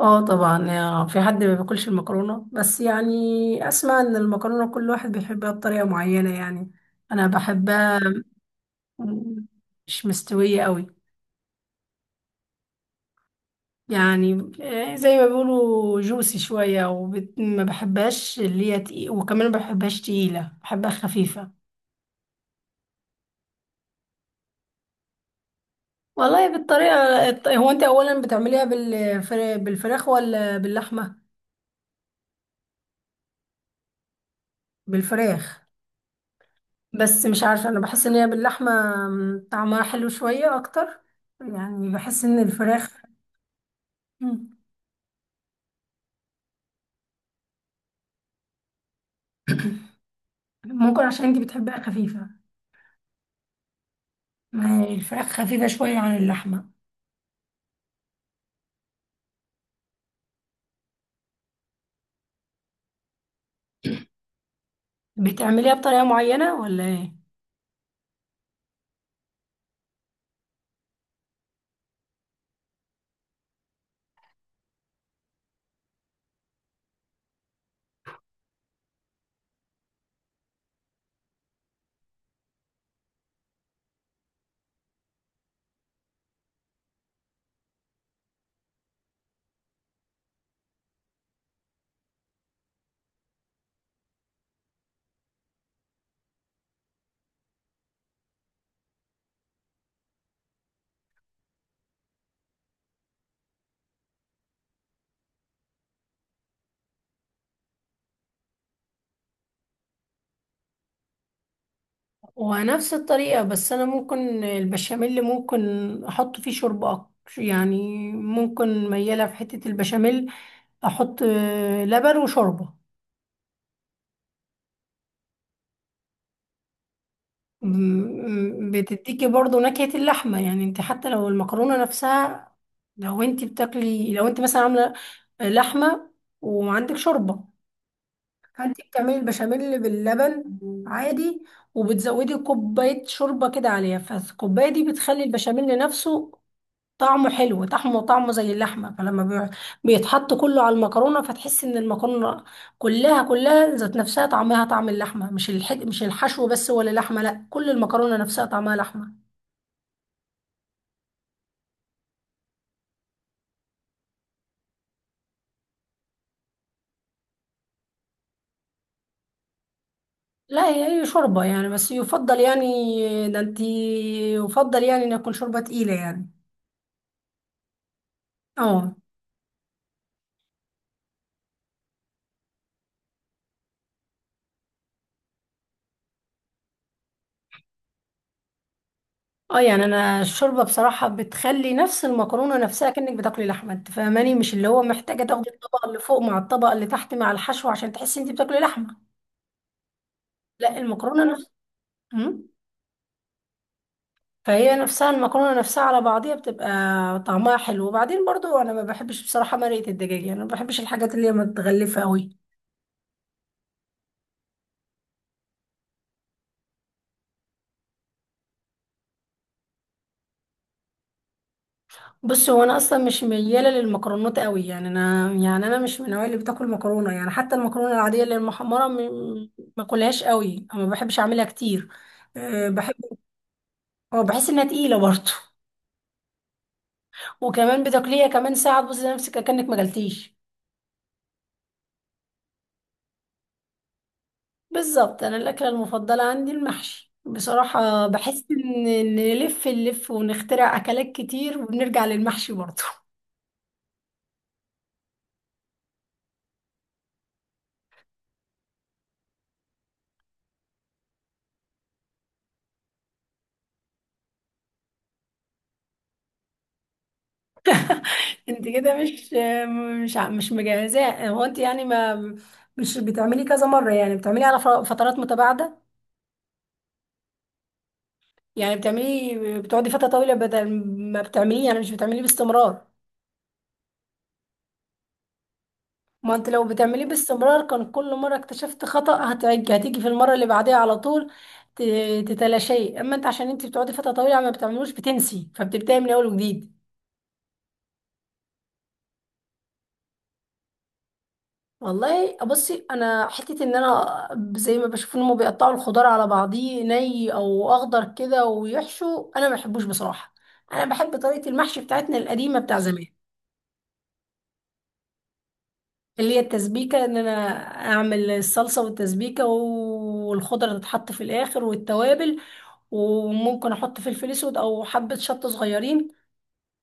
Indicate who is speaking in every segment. Speaker 1: اه طبعا، في حد ما بياكلش المكرونه، بس يعني اسمع ان المكرونه كل واحد بيحبها بطريقه معينه يعني. انا بحبها مش مستويه قوي يعني، زي ما بيقولوا جوسي شويه، وما بحبهاش اللي هي تقيل، وكمان ما بحبهاش تقيله، بحبها خفيفه. والله بالطريقه هو انت اولا بتعمليها بالفراخ، ولا باللحمه؟ بالفراخ. بس مش عارفة، أنا بحس إن هي باللحمة، طعمها حلو شوية أكتر. يعني بحس إن الفراخ، م، ممكن عشان أنتي بتحبيها خفيفة. ما هي الفراخ خفيفة شوية عن اللحمة. بتعمليها بطريقة معينة ولا إيه؟ ونفس الطريقة، بس أنا ممكن البشاميل، أحط فيه شوربة أكتر يعني. ممكن ميالة في حتة البشاميل، أحط لبن وشوربة. بتديكي برضو نكهة اللحمة. يعني انت حتى لو المكرونة نفسها، لو انت مثلا عاملة لحمة، وعندك شوربة، فانت بتعملي البشاميل باللبن عادي، وبتزودي كوباية شوربة كده عليها، فالكوباية دي بتخلي البشاميل نفسه طعمه حلو، طعمه زي اللحمة. فلما بيتحط كله على المكرونة، فتحس ان المكرونة كلها ذات نفسها طعمها طعم اللحمة. مش الحشو بس، ولا لحمة، لا كل المكرونة نفسها طعمها لحمة. لا، هي شوربة يعني، بس يفضل يعني، ده انتي، يفضل يعني ان يكون شوربة تقيلة يعني. اه. اه. يعني انا الشوربة بصراحة بتخلي نفس المكرونة نفسها كأنك بتاكلي لحمة، انت فاهماني؟ مش اللي هو محتاجة تاخدي الطبقة اللي فوق مع الطبقة اللي تحت مع الحشو عشان تحسي انت بتاكلي لحمة. لا المكرونه. مم. فهي نفسها، المكرونة نفسها على بعضيها بتبقى طعمها حلو. وبعدين برضو انا ما بحبش بصراحة مرقة الدجاج، يعني ما بحبش الحاجات اللي هي متغلفة قوي. بص، هو انا اصلا مش ميالة للمكرونات قوي يعني، انا مش من النوع اللي بتاكل مكرونة يعني. حتى المكرونة العادية اللي المحمرة، ما اكلهاش قوي، أو ما بحبش اعملها كتير. أه، بحب. أه، بحس انها تقيلة برضو. وكمان بتاكليها كمان، ساعة تبصي نفسك كأنك ما جلتيش. بالظبط، انا الاكله المفضله عندي المحشي بصراحه. بحس ان نلف نلف ونخترع اكلات كتير، وبنرجع للمحشي برضه. انت كده مش مجهزاه. هو انت يعني، ما مش بتعملي كذا مره، يعني بتعملي على فترات متباعده. يعني بتقعدي فتره طويله، بدل ما بتعمليه، يعني مش بتعمليه باستمرار. ما انت لو بتعمليه باستمرار كان كل مرة اكتشفت خطأ هتيجي في المرة اللي بعديها على طول ت- تتلاشيه. اما انت عشان انت بتقعدي فترة طويلة ما بتعملوش، بتنسي، فبتبداي من اول وجديد. والله بصي، انا حتة ان انا زي ما بشوف ان هم بيقطعوا الخضار على بعضيه ني او اخضر كده ويحشوا، انا ما بحبوش بصراحة. انا بحب طريقة المحشي بتاعتنا القديمة، بتاع زمان. اللي هي التسبيكة، ان انا اعمل الصلصة والتسبيكة، والخضرة تتحط في الاخر، والتوابل. وممكن احط فلفل اسود او حبة شطة صغيرين.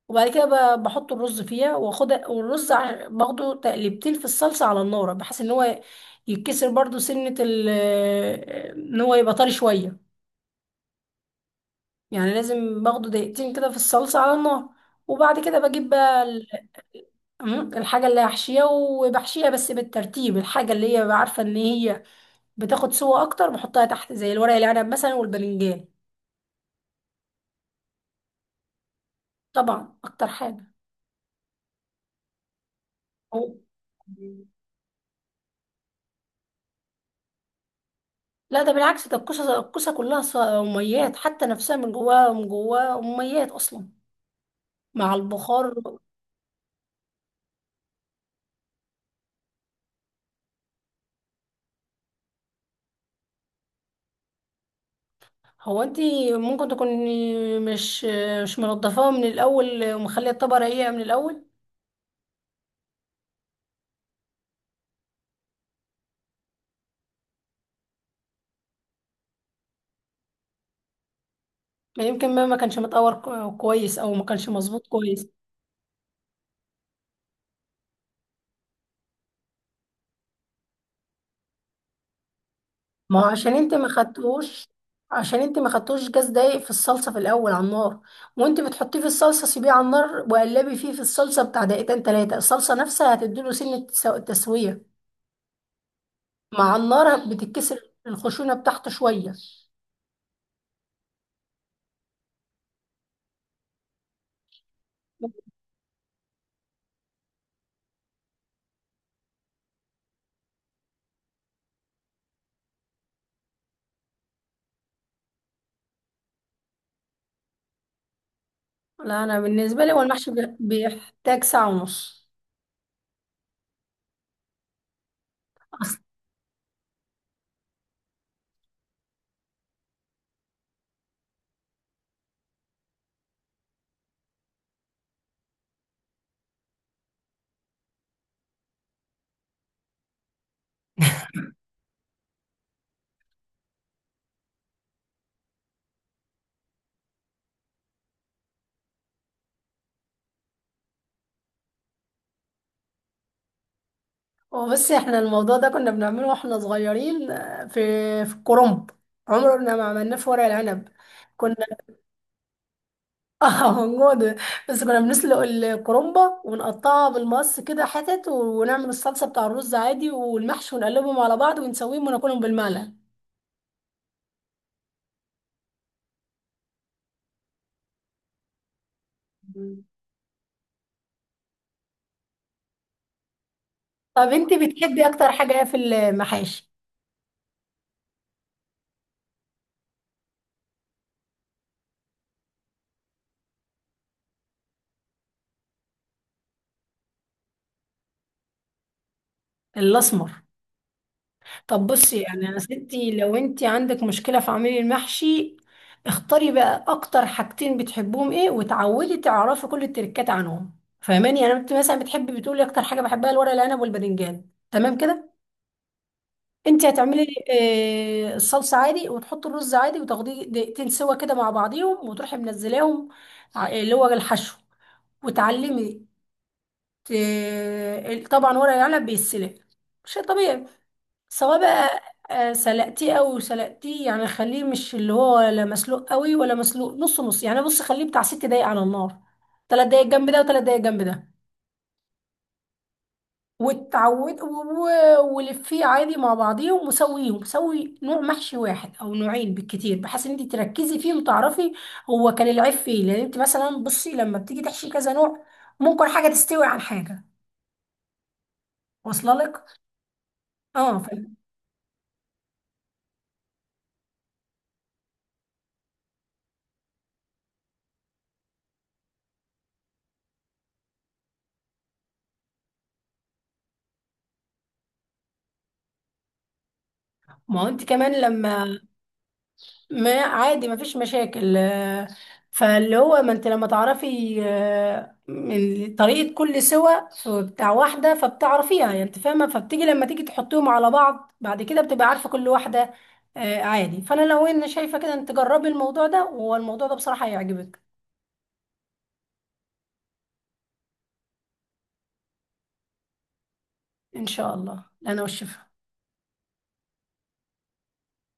Speaker 1: وبعد كده بحط الرز فيها، واخد والرز باخده تقليبتين في الصلصة على النار، بحيث ان هو يتكسر برضو سنة ال ان هو يبقى طري شوية. يعني لازم باخده دقيقتين كده في الصلصة على النار. وبعد كده بجيب بقى الحاجة اللي هحشيها، وبحشيها بس بالترتيب. الحاجة اللي هي عارفة ان هي بتاخد سوا اكتر بحطها تحت، زي الورق العنب مثلا والباذنجان. طبعا، اكتر حاجه. أو- لا، ده بالعكس، ده الكوسه كلها اميات، حتى نفسها من جواها اميات اصلا مع البخار. هو انت ممكن تكوني مش منضفاها من الاول، ومخليه الطبقه رقيقه من الاول. ما يمكن ما كانش متقور كويس، او ما كانش مظبوط كويس. ما هو عشان انت ما خدتوش جاز دايق في الصلصه في الاول على النار. وانت بتحطيه في الصلصه، سيبيه على النار وقلبي فيه في الصلصه بتاع دقيقتين تلاته. الصلصه نفسها هتديله سنه، تسويه. مع النار بتتكسر الخشونه بتاعته شويه. لا، انا بالنسبه لي هو المحشي بيحتاج ساعه ونص. اصلا. وبس، احنا الموضوع ده كنا بنعمله واحنا صغيرين، في الكرنب. عمرنا ما عملناه في ورق العنب. كنا. اه، موجودة. بس كنا بنسلق الكرومبة، ونقطعها بالمقص كده حتت، ونعمل الصلصة بتاع الرز عادي والمحشي، ونقلبهم على بعض ونسويهم وناكلهم بالمعلقة. مم. طب انت بتحبي اكتر حاجة ايه في المحاشي؟ الاسمر. طب بصي، يعني انا ستي لو انت عندك مشكلة في عميل المحشي، اختاري بقى اكتر حاجتين بتحبهم ايه، وتعودي تعرفي كل التركات عنهم. فاهماني؟ يعني انت مثلا بتقولي اكتر حاجة بحبها الورق العنب والباذنجان، تمام كده. انت هتعملي الصلصه عادي، وتحطي الرز عادي، وتاخديه دقيقتين سوا كده مع بعضيهم، وتروحي منزلاهم اللي هو الحشو. وتعلمي ت- طبعا ورق العنب بيتسلق، شيء طبيعي. سواء بقى سلقتيه او سلقتيه، يعني خليه مش اللي هو لا مسلوق قوي ولا مسلوق نص نص. يعني بص خليه بتاع ست دقايق على النار، ثلاث دقايق جنب ده، وثلاث دقايق جنب ده. وتعود ولفيه عادي مع بعضيهم، وسويهم سوي نوع محشي واحد او نوعين بالكتير، بحيث ان انت تركزي فيه وتعرفي هو كان العيب فيه. لان انت مثلا بصي لما بتيجي تحشي كذا نوع، ممكن حاجه تستوي عن حاجه، واصله لك. اه ما هو انت كمان لما، ما عادي مفيش مشاكل. فاللي هو، ما انت لما تعرفي من طريقة كل سوى بتاع واحدة فبتعرفيها يعني، انت فاهمة؟ فبتيجي لما تيجي تحطيهم على بعض، بعد كده بتبقى عارفة كل واحدة عادي. فانا لو انا شايفة كده، انت جربي الموضوع ده، والموضوع ده بصراحة هيعجبك. ان شاء الله انا والشفاء.